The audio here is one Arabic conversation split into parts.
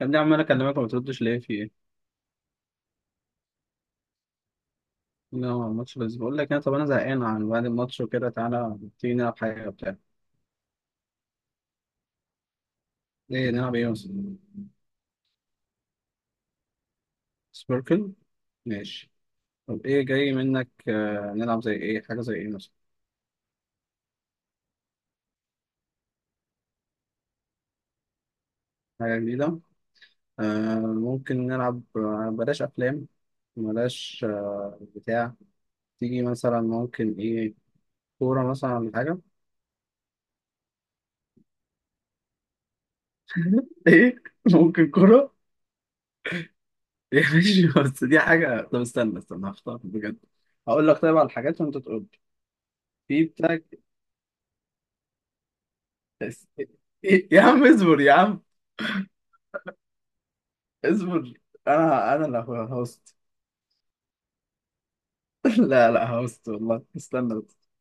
يا ابني، عمال اكلمك وما بتردش ليه؟ في ايه؟ لا، هو الماتش بس. بقول لك انا، طب انا زهقان. عن بعد الماتش وكده تعالى، تيجي نلعب حاجه وبتاع. ايه نلعب ايه مثلا؟ سبيركل؟ ماشي. طب ايه جاي منك؟ نلعب زي ايه، حاجه زي ايه مثلا؟ حاجه جديده. ممكن نلعب، بلاش افلام. بلاش بتاع. تيجي مثلا ممكن ايه؟ كوره مثلا ولا حاجه؟ ايه، ممكن كوره؟ إيه، ماشي، بس دي حاجه. طب استنى استنى هختار بجد. هقول لك طيب على الحاجات وانت تقول. في بتاع. بس- يا عم اصبر، يا عم اصبر. انا اللي هوست. لا لا، هوست والله، استنى بس.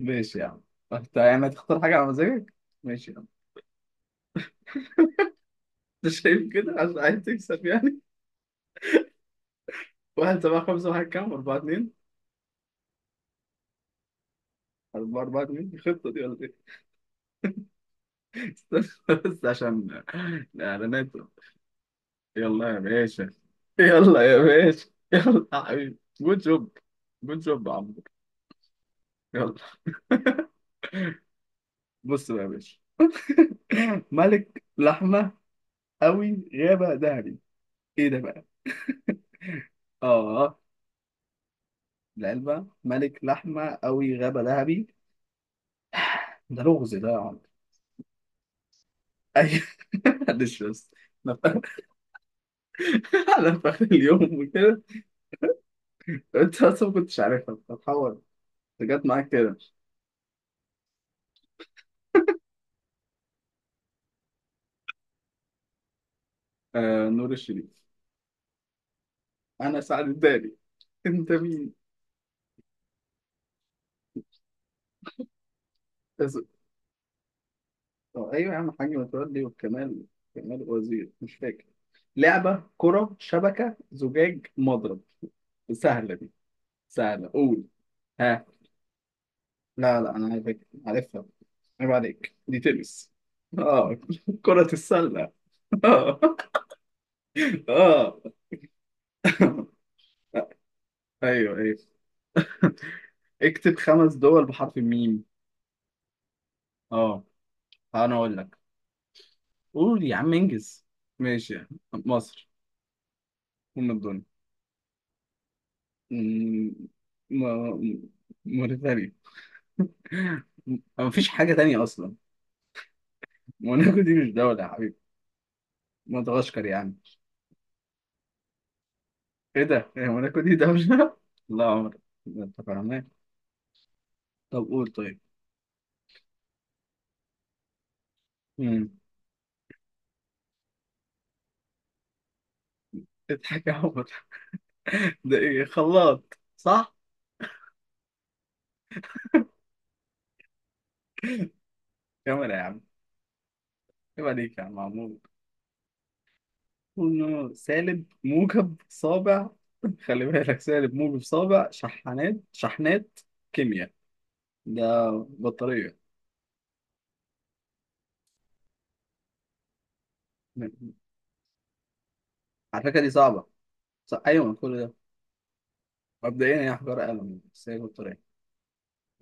ماشي يا عم. انت يعني هتختار حاجة على مزاجك؟ ماشي يا عم. انت شايف كده عشان عايز تكسب يعني. واحد سبعة خمسة واحد كام أربعة اتنين؟ أربعة أربعة اتنين؟ الخطة دي ولا إيه؟ استنى بس، عشان الإعلانات. يلا يا باشا. يلا يا باشا. يلا يا حبيبي، جود جوب. جود جوب يا عمرو. يلا. بص بقى يا باشا. ملك لحمة، أوي غابة ذهبي. إيه ده بقى؟ آه. العلبة، ملك لحمة، أوي غابة ذهبي. ده لغز ده يا عم. أيوه. معلش بس. أنا ف- أنا في آخر اليوم وكده. أنت أصلا ما كنتش عارفها بتتحول. أنت جت معاك كده. آه، نور الشريف. أنا سعد الدالي. أنت مين؟ بس- آه، أيوه يا عم، حاج متولي والكمال. كمال وزير، مش فاكر. لعبة كرة شبكة زجاج مضرب. سهلة دي، سهلة، قول. ها. لا لا، انا عارف، عارفها. عيب عليك، دي تنس. اه كرة السلة. اه اه. ايوه ايوه. اكتب خمس دول بحرف الميم. اه، انا اقول لك. قول يا عم، انجز. ماشي يا عم. مصر، ام الدنيا. مم، م- موريتانيا. ما فيش حاجة تانية أصلا. موناكو دي مش دولة يا حبيبي. مدغشقر يا عم. إيه ده؟ هي موناكو دي دولة؟ لا عمر. ده أنت فاهمان. طب قول طيب. مم. اضحك يا عمر. ده ايه، خلاط؟ صح، كاميرا يا عم. عيب عليك يا عم، عمود. إنه سالب موجب صابع. خلي بالك، سالب موجب صابع شحنات شحنات. كيمياء، ده بطارية. على فكرة دي صعبة. صح. أيوة، من كل ده. مبدئيا هي حجارة قلم بس هي بطارية.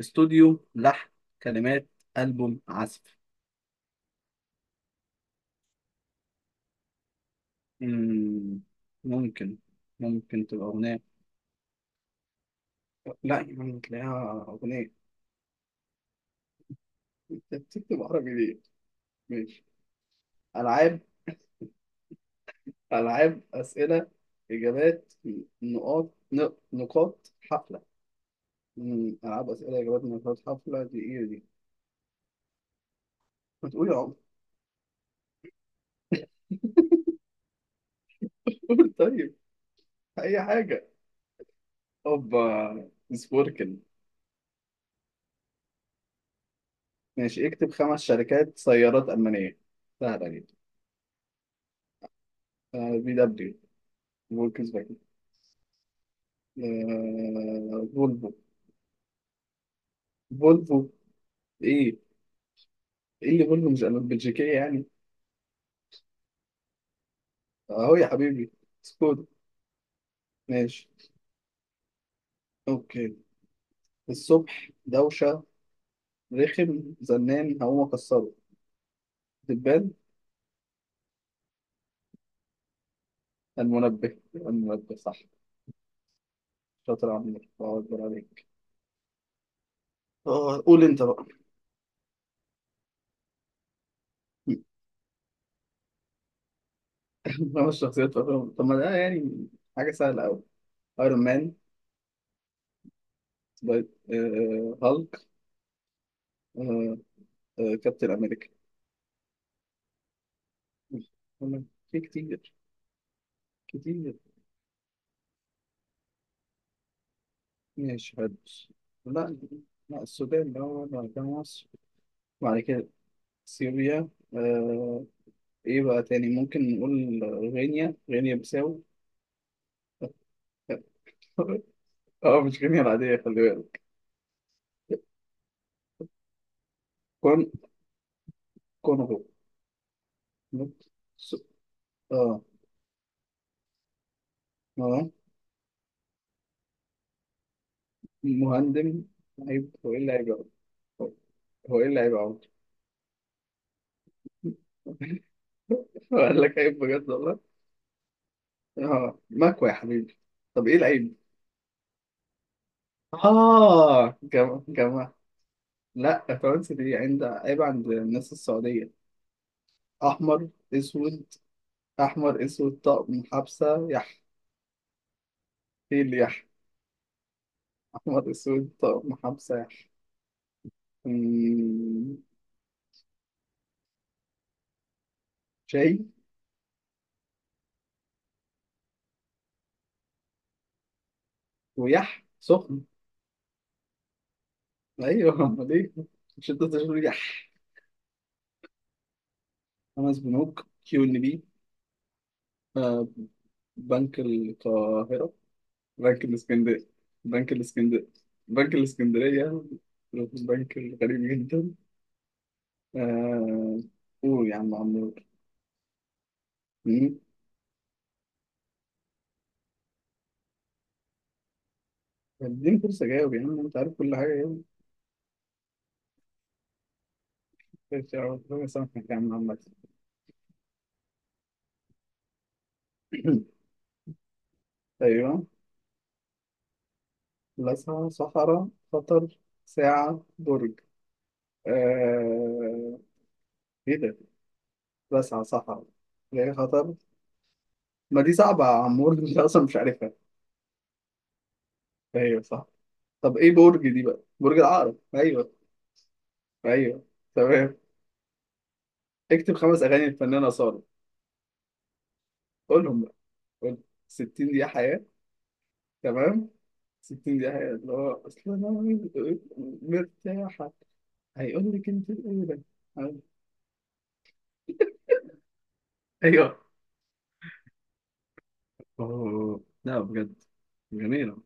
استوديو، لحن، كلمات، ألبوم، عزف. مم، ممكن ممكن تبقى أغنية. لا يا عم، تلاقيها أغنية. أنت بتكتب عربي ليه؟ ماشي. ألعاب. ألعاب، أسئلة، إجابات، نقاط، نقاط حفلة. ألعاب أسئلة إجابات نقاط حفلة، دي إيه دي؟ ما تقول يا عمر. قول طيب، أي حاجة. أوبا سبوركل. ماشي. اكتب خمس شركات سيارات ألمانية، سهلة جدا. بي دبليو، فولكس فاجن. فولفو. فولفو إيه؟ إيه اللي فولفو مش بلجيكية يعني؟ أهو يا حبيبي. سكودا. ماشي. أوكي. الصبح دوشة، رخم زنان، هقوم أكسره دبان. المنبه. المنبه صح، شاطر يا عمرو، الله أكبر عليك. قول أنت بقى. خمس شخصيات في أفلام؟ طب ما ده يعني حاجة سهلة أوي. أيرون مان. هالك. آه، كابتن أمريكا. أنا في كتير، كتير. ماشي حلو. لا لا، السودان ده هو بعد كده مصر. بعد كده سوريا. آه، إيه بقى تاني ممكن نقول؟ غينيا، غينيا بيساو. اه، مش غنية العادية، خلي بالك. كون كونغو. نت- س- اه. اه، مهندم. عيب. هو ايه اللي عيب أوي؟ هو هو ايه اللي عيب أوي؟ قال لك عيب، بجد والله. اه مكوى يا حبيبي. طب ايه العيب؟ اه، جماعة جماعة. لا، فرنسا دي عند عيب عند الناس السعودية. أحمر أسود. أحمر أسود طقم حبسة يح. ايه اللي يح؟ أحمر أسود طقم حبسة يح. أمم، شاي ويح سخن. ايوه، امال ايه. مش انت تقول لي؟ خمس بنوك، كيو ان بي. آه، بنك القاهرة، بنك الاسكندرية، بنك الاسكندرية، بنك الاسكندرية، البنك الغريب جدا. آه. قول يا عم عمور. مم. اديني فرصة جاوب يا عم، انت عارف كل حاجة يعني. ماشي يا عم، ربنا يسامحك يا عم عمال. ايوه. لسعة صحراء خطر ساعة برج. آه. ايه ده؟ لسعة صحراء، ليه خطر؟ ما دي صعبة يا عم، برج انت اصلا مش عارفها. ايوه صح. طب ايه برج دي بقى؟ برج العقرب، ايوه. ايوه تمام. اكتب خمس اغاني الفنانة سارة، قولهم بقى، قول. 60 دقيقة، حياة. تمام. 60 دقيقة حياة، اللي هو اصل انا مرتاحة. هيقول لك انت الاولى. ايوه. اوه لا، بجد جميلة.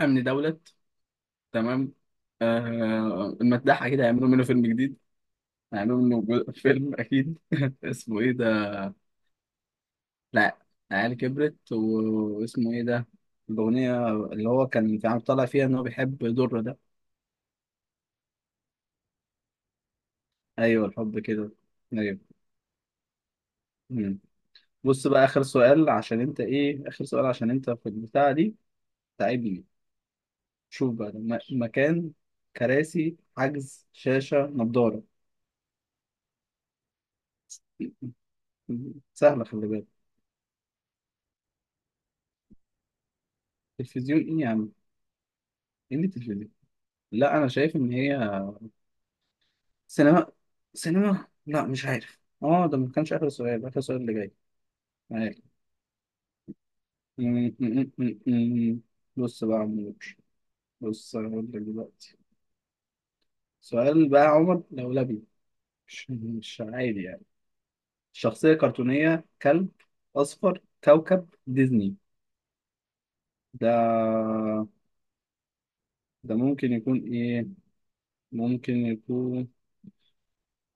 امن دولة. تمام. آه، المداحة كده هيعملوا منه فيلم جديد. هيعملوا منه فيلم اكيد. اسمه ايه ده؟ لا، العيال كبرت واسمه ايه ده؟ الأغنية اللي هو كان في عم طالع فيها إن هو بيحب درة ده. أيوه، الحب كده. أيوه. مم. بص بقى، آخر سؤال، عشان أنت إيه، آخر سؤال عشان أنت في البتاعة دي تعبني. شوف بقى ده، مكان، كراسي، حجز، شاشة، نضارة. مم. سهلة، خلي بالك. تلفزيون إيه يا عم؟ إيه اللي تلفزيون؟ لا، أنا شايف إن هي سينما. سينما. لا مش عارف، اه ده ما كانش آخر سؤال، آخر سؤال اللي جاي. بص بقى يا عمور، بص انا هقول لك دلوقتي. سؤال بقى يا عمر لولبي، مش عادي يعني. شخصية كرتونية، كلب أصفر، كوكب، ديزني. ده ده ممكن يكون إيه؟ ممكن يكون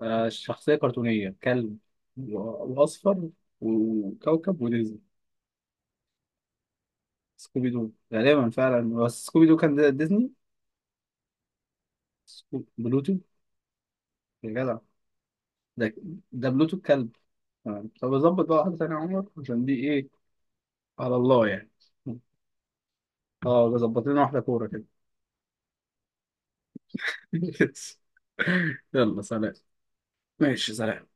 شخصية كرتونية، كلب وأصفر، وكوكب، وديزني. سكوبي دو غالبا فعلا، بس سكوبي دو كان ديزني؟ بلوتو. يا جدع. ده ده بلوتو الكلب. تمام. طب ظبط بقى واحدة تانية يا عمر، عشان دي إيه، على الله يعني. اه ظبط لنا واحدة كورة كده. يلا سلام. ماشي سلام.